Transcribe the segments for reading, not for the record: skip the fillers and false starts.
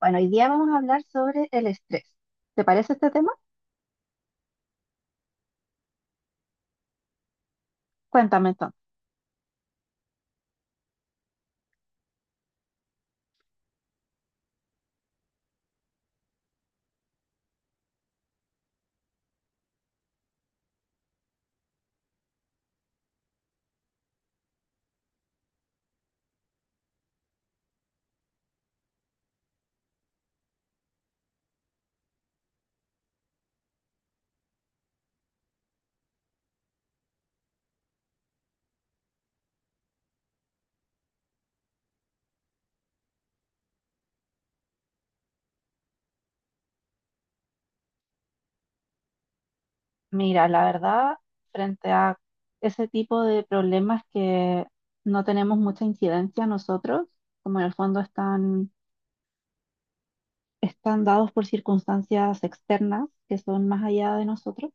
Bueno, hoy día vamos a hablar sobre el estrés. ¿Te parece este tema? Cuéntame entonces. Mira, la verdad, frente a ese tipo de problemas que no tenemos mucha incidencia nosotros, como en el fondo están, están dados por circunstancias externas que son más allá de nosotros,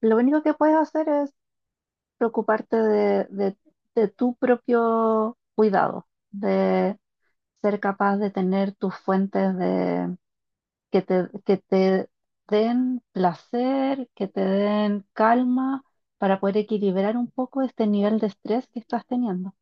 lo único que puedes hacer es preocuparte de tu propio cuidado, de ser capaz de tener tus fuentes que te den placer, que te den calma para poder equilibrar un poco este nivel de estrés que estás teniendo.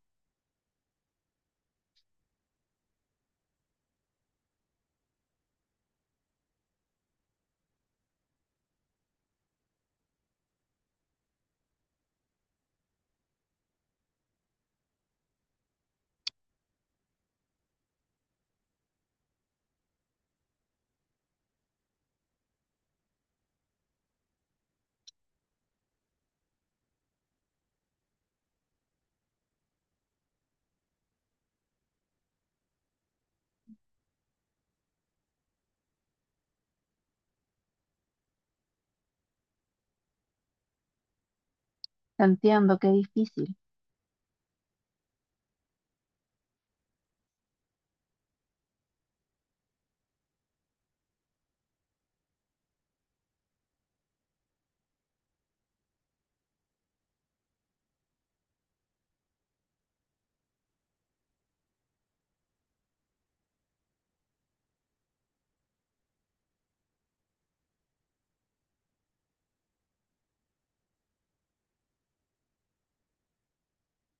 Entiendo que es difícil.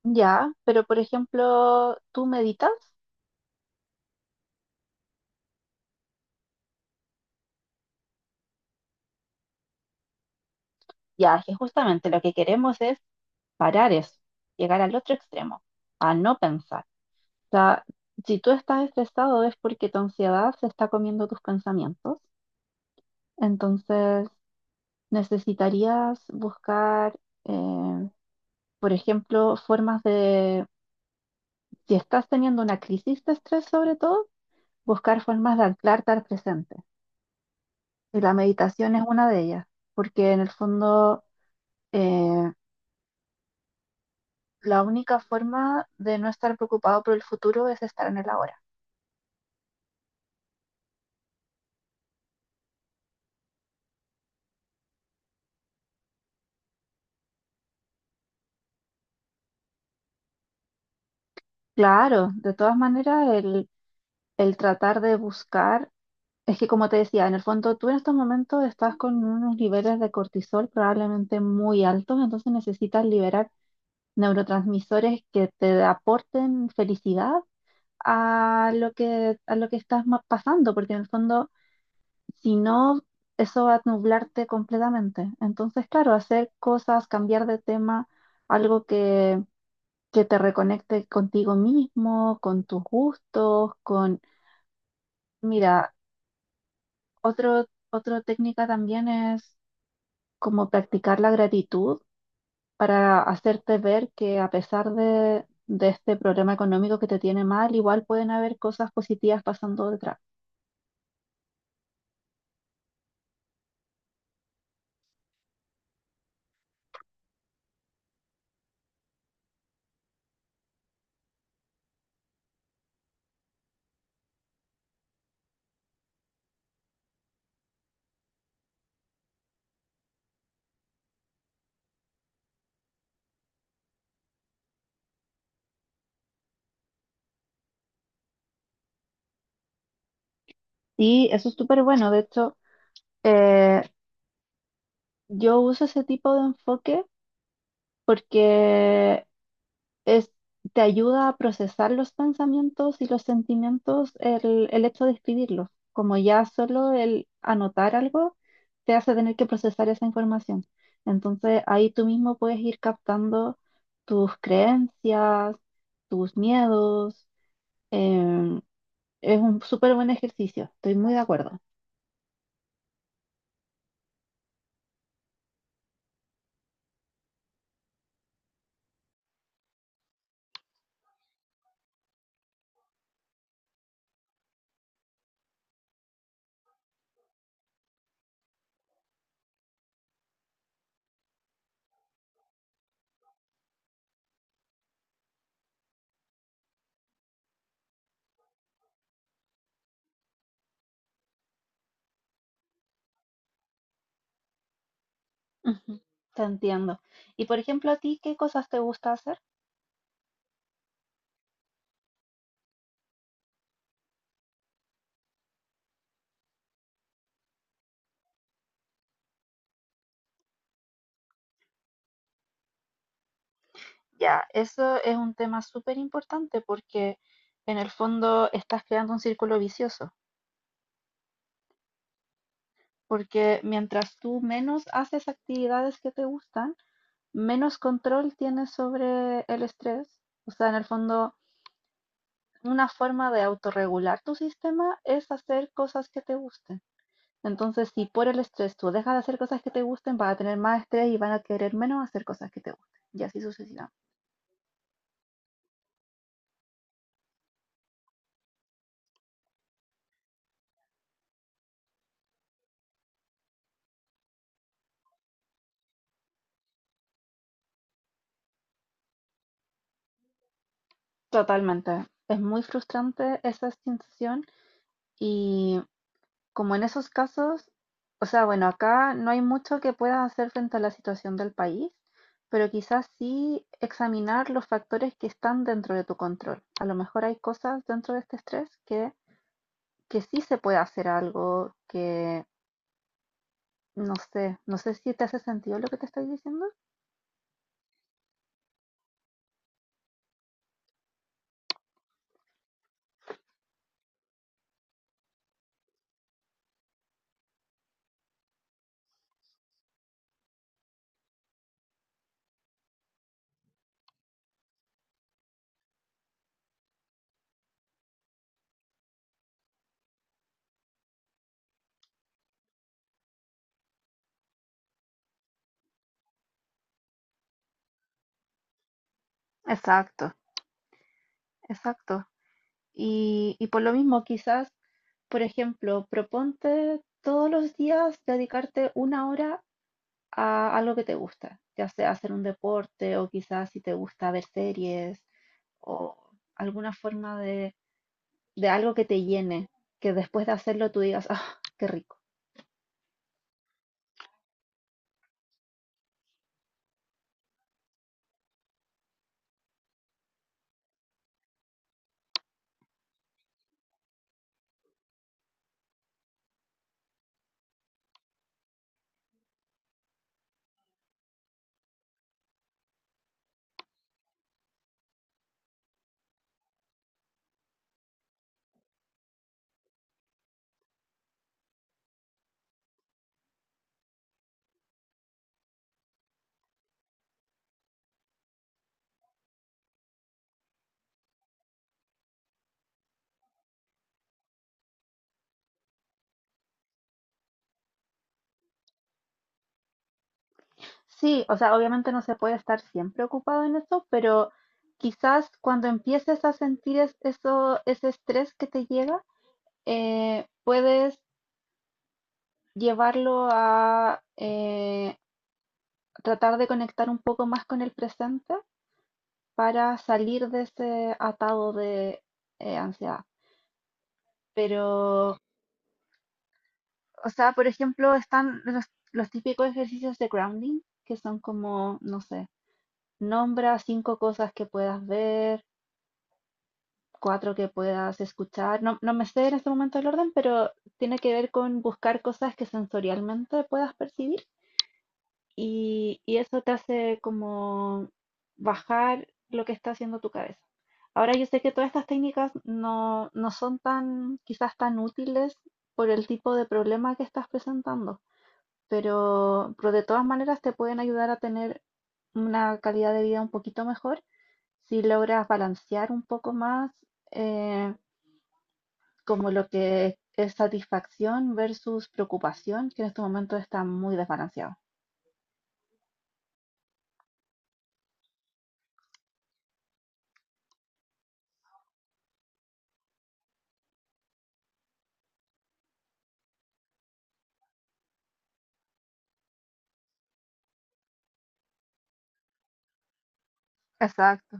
Ya, pero por ejemplo, ¿tú meditas? Ya, que justamente lo que queremos es parar eso, llegar al otro extremo, a no pensar. O sea, si tú estás estresado es porque tu ansiedad se está comiendo tus pensamientos. Entonces, necesitarías buscar eh, por ejemplo, formas de, si estás teniendo una crisis de estrés sobre todo, buscar formas de anclarte al presente. Y la meditación es una de ellas, porque en el fondo eh, la única forma de no estar preocupado por el futuro es estar en el ahora. Claro, de todas maneras, el tratar de buscar, es que como te decía, en el fondo tú en estos momentos estás con unos niveles de cortisol probablemente muy altos, entonces necesitas liberar neurotransmisores que te aporten felicidad a lo que estás pasando, porque en el fondo, si no, eso va a nublarte completamente. Entonces, claro, hacer cosas, cambiar de tema, algo que te reconecte contigo mismo, con tus gustos, con... Mira, otra técnica también es como practicar la gratitud para hacerte ver que a pesar de este problema económico que te tiene mal, igual pueden haber cosas positivas pasando detrás. Y eso es súper bueno. De hecho, eh, yo uso ese tipo de enfoque porque es, te ayuda a procesar los pensamientos y los sentimientos, el hecho de escribirlos, como ya solo el anotar algo te hace tener que procesar esa información. Entonces ahí tú mismo puedes ir captando tus creencias, tus miedos. em, es un súper buen ejercicio, estoy muy de acuerdo. Ujú. Te entiendo. Y por ejemplo, ¿a ti qué cosas te gusta hacer? Ya, eso es un tema súper importante porque en el fondo estás creando un círculo vicioso, porque mientras tú menos haces actividades que te gustan, menos control tienes sobre el estrés. O sea, en el fondo, una forma de autorregular tu sistema es hacer cosas que te gusten. Entonces, si por el estrés tú dejas de hacer cosas que te gusten, vas a tener más estrés y van a querer menos hacer cosas que te gusten, y así sucesivamente. Totalmente. Es muy frustrante esa sensación. Y como en esos casos, o sea, bueno, acá no hay mucho que puedas hacer frente a la situación del país, pero quizás sí examinar los factores que están dentro de tu control. A lo mejor hay cosas dentro de este estrés que sí se puede hacer algo que, no sé, no sé si te hace sentido lo que te estoy diciendo. Exacto, exacto. Y por lo mismo, quizás, por ejemplo, proponte todos los días dedicarte una hora a algo que te gusta, ya sea hacer un deporte o quizás si te gusta ver series o alguna forma de algo que te llene, que después de hacerlo tú digas, ah, qué rico. Sí, o sea, obviamente no se puede estar siempre ocupado en eso, pero quizás cuando empieces a sentir eso, ese estrés que te llega, puedes llevarlo a, tratar de conectar un poco más con el presente para salir de ese atado de ansiedad. Pero, o sea, por ejemplo, están los típicos ejercicios de grounding, que son como, no sé, nombra cinco cosas que puedas ver, cuatro que puedas escuchar. No, no me sé en este momento el orden, pero tiene que ver con buscar cosas que sensorialmente puedas percibir y eso te hace como bajar lo que está haciendo tu cabeza. Ahora yo sé que todas estas técnicas no, no son tan, quizás tan útiles por el tipo de problema que estás presentando, pero de todas maneras te pueden ayudar a tener una calidad de vida un poquito mejor si logras balancear un poco más eh, como lo que es satisfacción versus preocupación, que en este momento está muy desbalanceado. Exacto.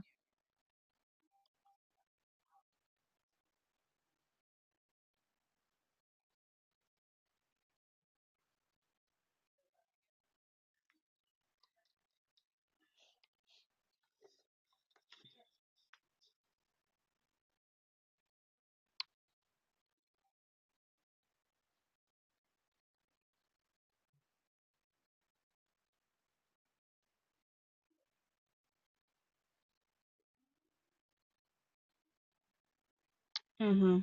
Ujú.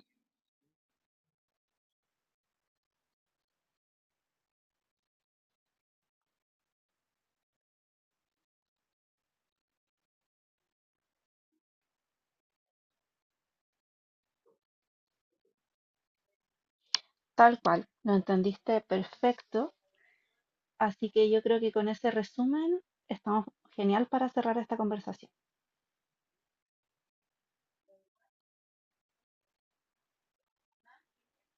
Tal cual, lo entendiste perfecto, así que yo creo que con ese resumen estamos genial para cerrar esta conversación.